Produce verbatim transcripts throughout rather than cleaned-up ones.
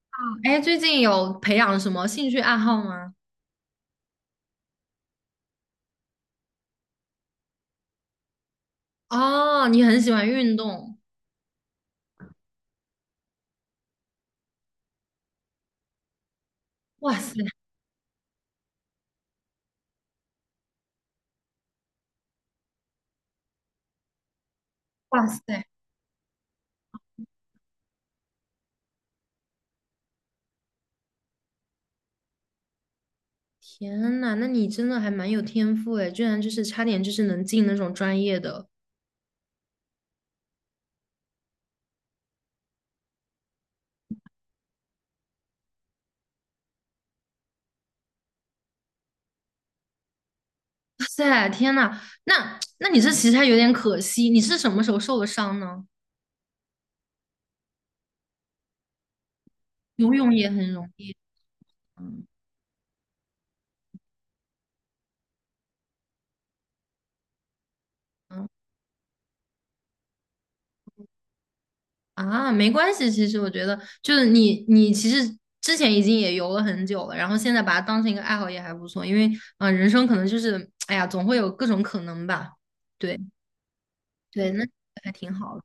Hello，哎，最近有培养什么兴趣爱好吗？哦，你很喜欢运动。哇塞。哇塞，天呐，那你真的还蛮有天赋哎，居然就是差点就是能进那种专业的。哇塞，天呐，那那你这其实还有点可惜，你是什么时候受的伤呢？游泳也很容易。嗯。嗯啊，没关系。其实我觉得，就是你，你其实之前已经也游了很久了，然后现在把它当成一个爱好也还不错。因为，嗯、人生可能就是，哎呀，总会有各种可能吧。对。对，那还挺好的。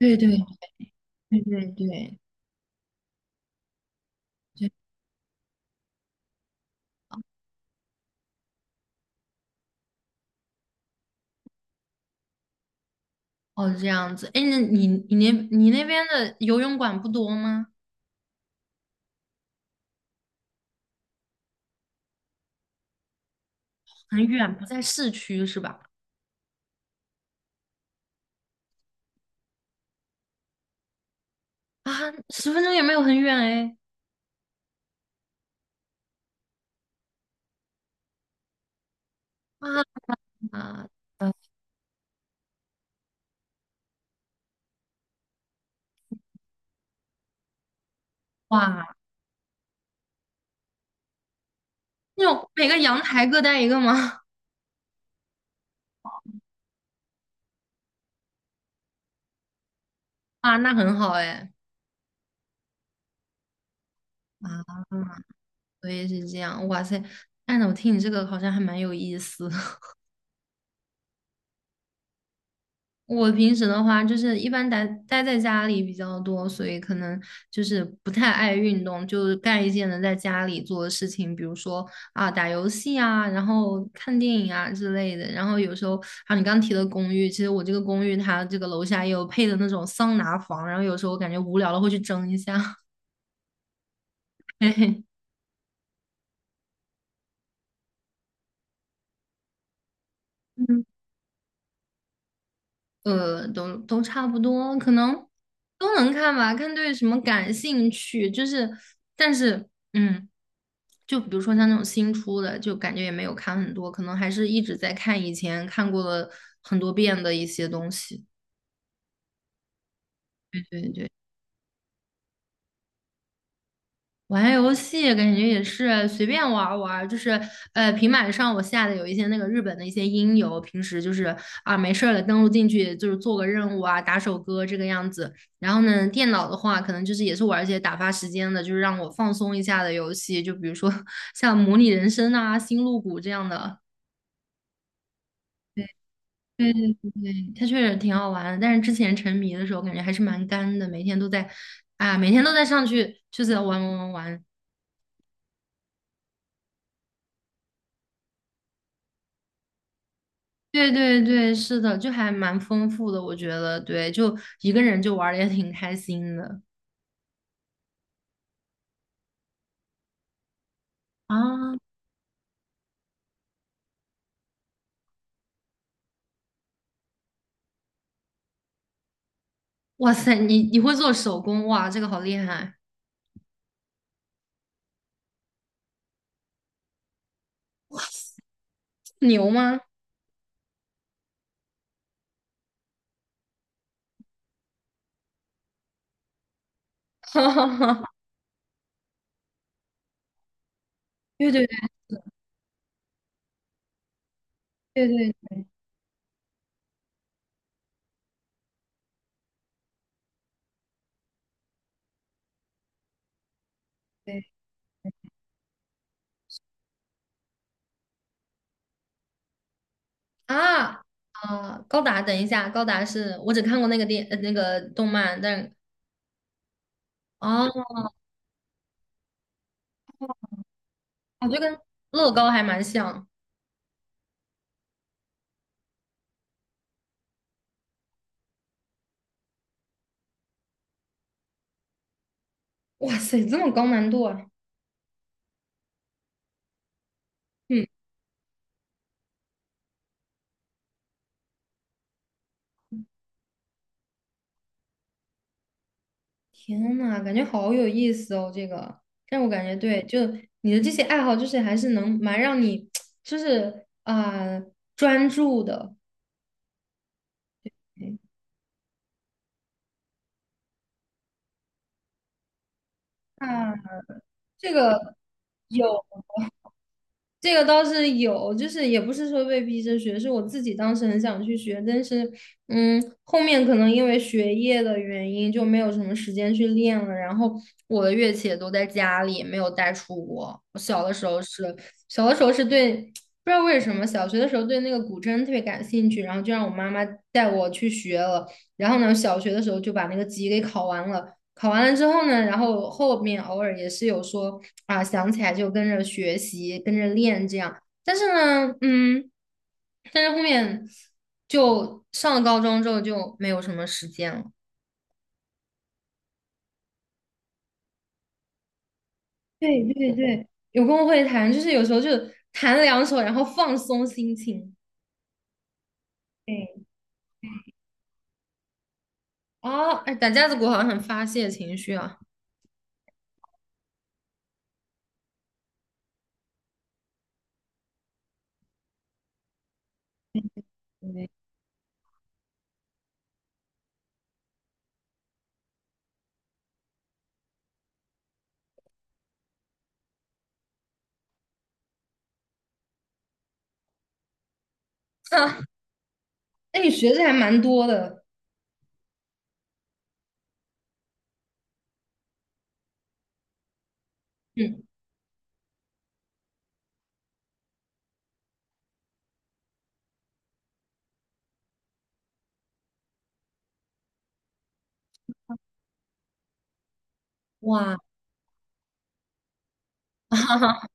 对对对对对对。哦，这样子。哎，那你你那你那边的游泳馆不多吗？很远，不在市区是吧？啊，十分钟也没有很远哎。啊。啊，哇，那种每个阳台各带一个吗？啊，那很好哎。啊，所以是这样，哇塞！按照我听你这个好像还蛮有意思。我平时的话，就是一般待待在家里比较多，所以可能就是不太爱运动，就是干一些能在家里做的事情，比如说啊打游戏啊，然后看电影啊之类的。然后有时候啊，你刚提的公寓，其实我这个公寓它这个楼下也有配的那种桑拿房，然后有时候我感觉无聊了会去蒸一下。嘿嘿。嗯。呃，都都差不多，可能都能看吧，看对什么感兴趣。就是，但是，嗯，就比如说像那种新出的，就感觉也没有看很多，可能还是一直在看以前看过了很多遍的一些东西。对对对。玩游戏感觉也是随便玩儿玩儿就是呃，平板上我下的有一些那个日本的一些音游，平时就是啊没事儿了登录进去就是做个任务啊，打首歌这个样子。然后呢，电脑的话可能就是也是玩一些打发时间的，就是让我放松一下的游戏，就比如说 像模拟人生啊、星露谷这样的。对对对对，它确实挺好玩的，但是之前沉迷的时候感觉还是蛮干的，每天都在啊，每天都在上去就是玩玩玩玩。对对对，是的，就还蛮丰富的，我觉得，对，就一个人就玩的也挺开心的。啊！哇塞，你你会做手工，哇，这个好厉害。牛吗？哈哈。对对对对对对。啊。啊！高达，等一下，高达是我只看过那个电呃那个动漫，但哦，啊就跟乐高还蛮像。哇塞，这么高难度啊！嗯。天呐，感觉好有意思哦，这个。但我感觉对，就你的这些爱好，就是还是能蛮让你，就是啊、专注的。嗯。啊，这个有。这个倒是有，就是也不是说被逼着学，是我自己当时很想去学，但是，嗯，后面可能因为学业的原因就没有什么时间去练了。然后我的乐器也都在家里，没有带出国。我小的时候是，小的时候是对，不知道为什么，小学的时候对那个古筝特别感兴趣，然后就让我妈妈带我去学了。然后呢，小学的时候就把那个级给考完了。考完了之后呢，然后后面偶尔也是有说啊，想起来就跟着学习，跟着练这样。但是呢，嗯，但是后面就上了高中之后就没有什么时间了。对对对，有空会弹，就是有时候就弹两首，然后放松心情。对，哦，哎，打架子鼓好像很发泄情绪啊。哈，哎，你学的还蛮多的。嗯。哇。哈哈。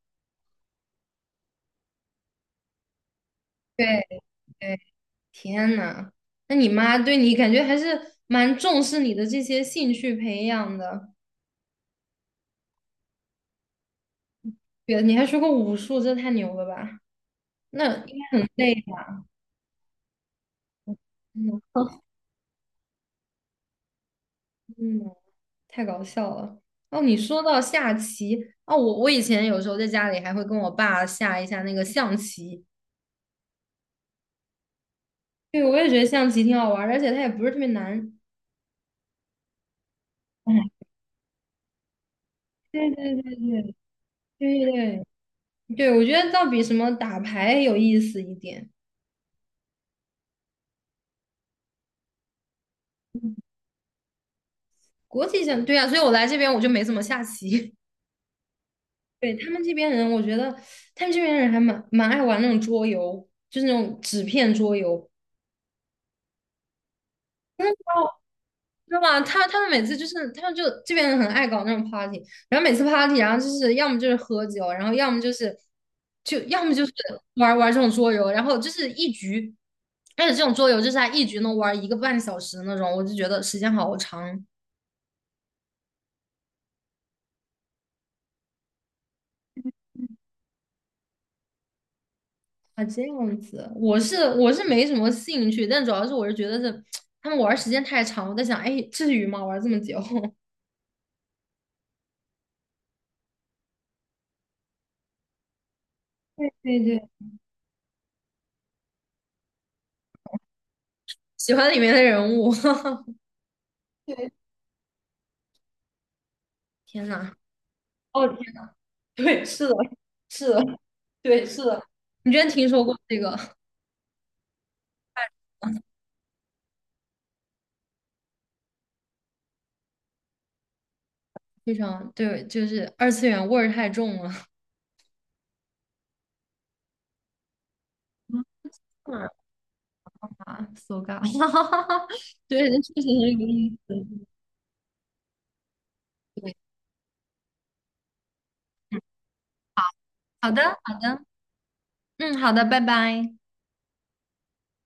对对。天呐，那你妈对你感觉还是蛮重视你的这些兴趣培养的。对，你还学过武术，这太牛了吧？那应该很累吧？嗯。嗯，太搞笑了。哦，你说到下棋。哦，我我以前有时候在家里还会跟我爸下一下那个象棋。对，我也觉得象棋挺好玩儿，而且它也不是特别难。哎。对对对对对对对，我觉得倒比什么打牌有意思一点。国际象，对啊，所以我来这边我就没怎么下棋。对，他们这边人，我觉得他们这边人还蛮蛮爱玩那种桌游，就是那种纸片桌游，知道吧？他他们每次就是他们就这边人很爱搞那种 party，然后每次 party，然后就是要么就是喝酒，然后要么就是就要么就是玩玩这种桌游，然后就是一局，而且这种桌游就是他一局能玩一个半小时的那种，我就觉得时间好长。啊，这样子。我是我是没什么兴趣，但主要是我是觉得是 他们玩儿时间太长，我在想，哎，至于吗？玩儿这么久？对对。喜欢里面的人物。对，天呐，哦天，对，是的，是的，对，是的。你之前听说过这个？非常对，就是二次元味儿太重了。嗯。 啊，so ga，对，这确实很有意思。对，好的，好的，嗯，好的，拜拜。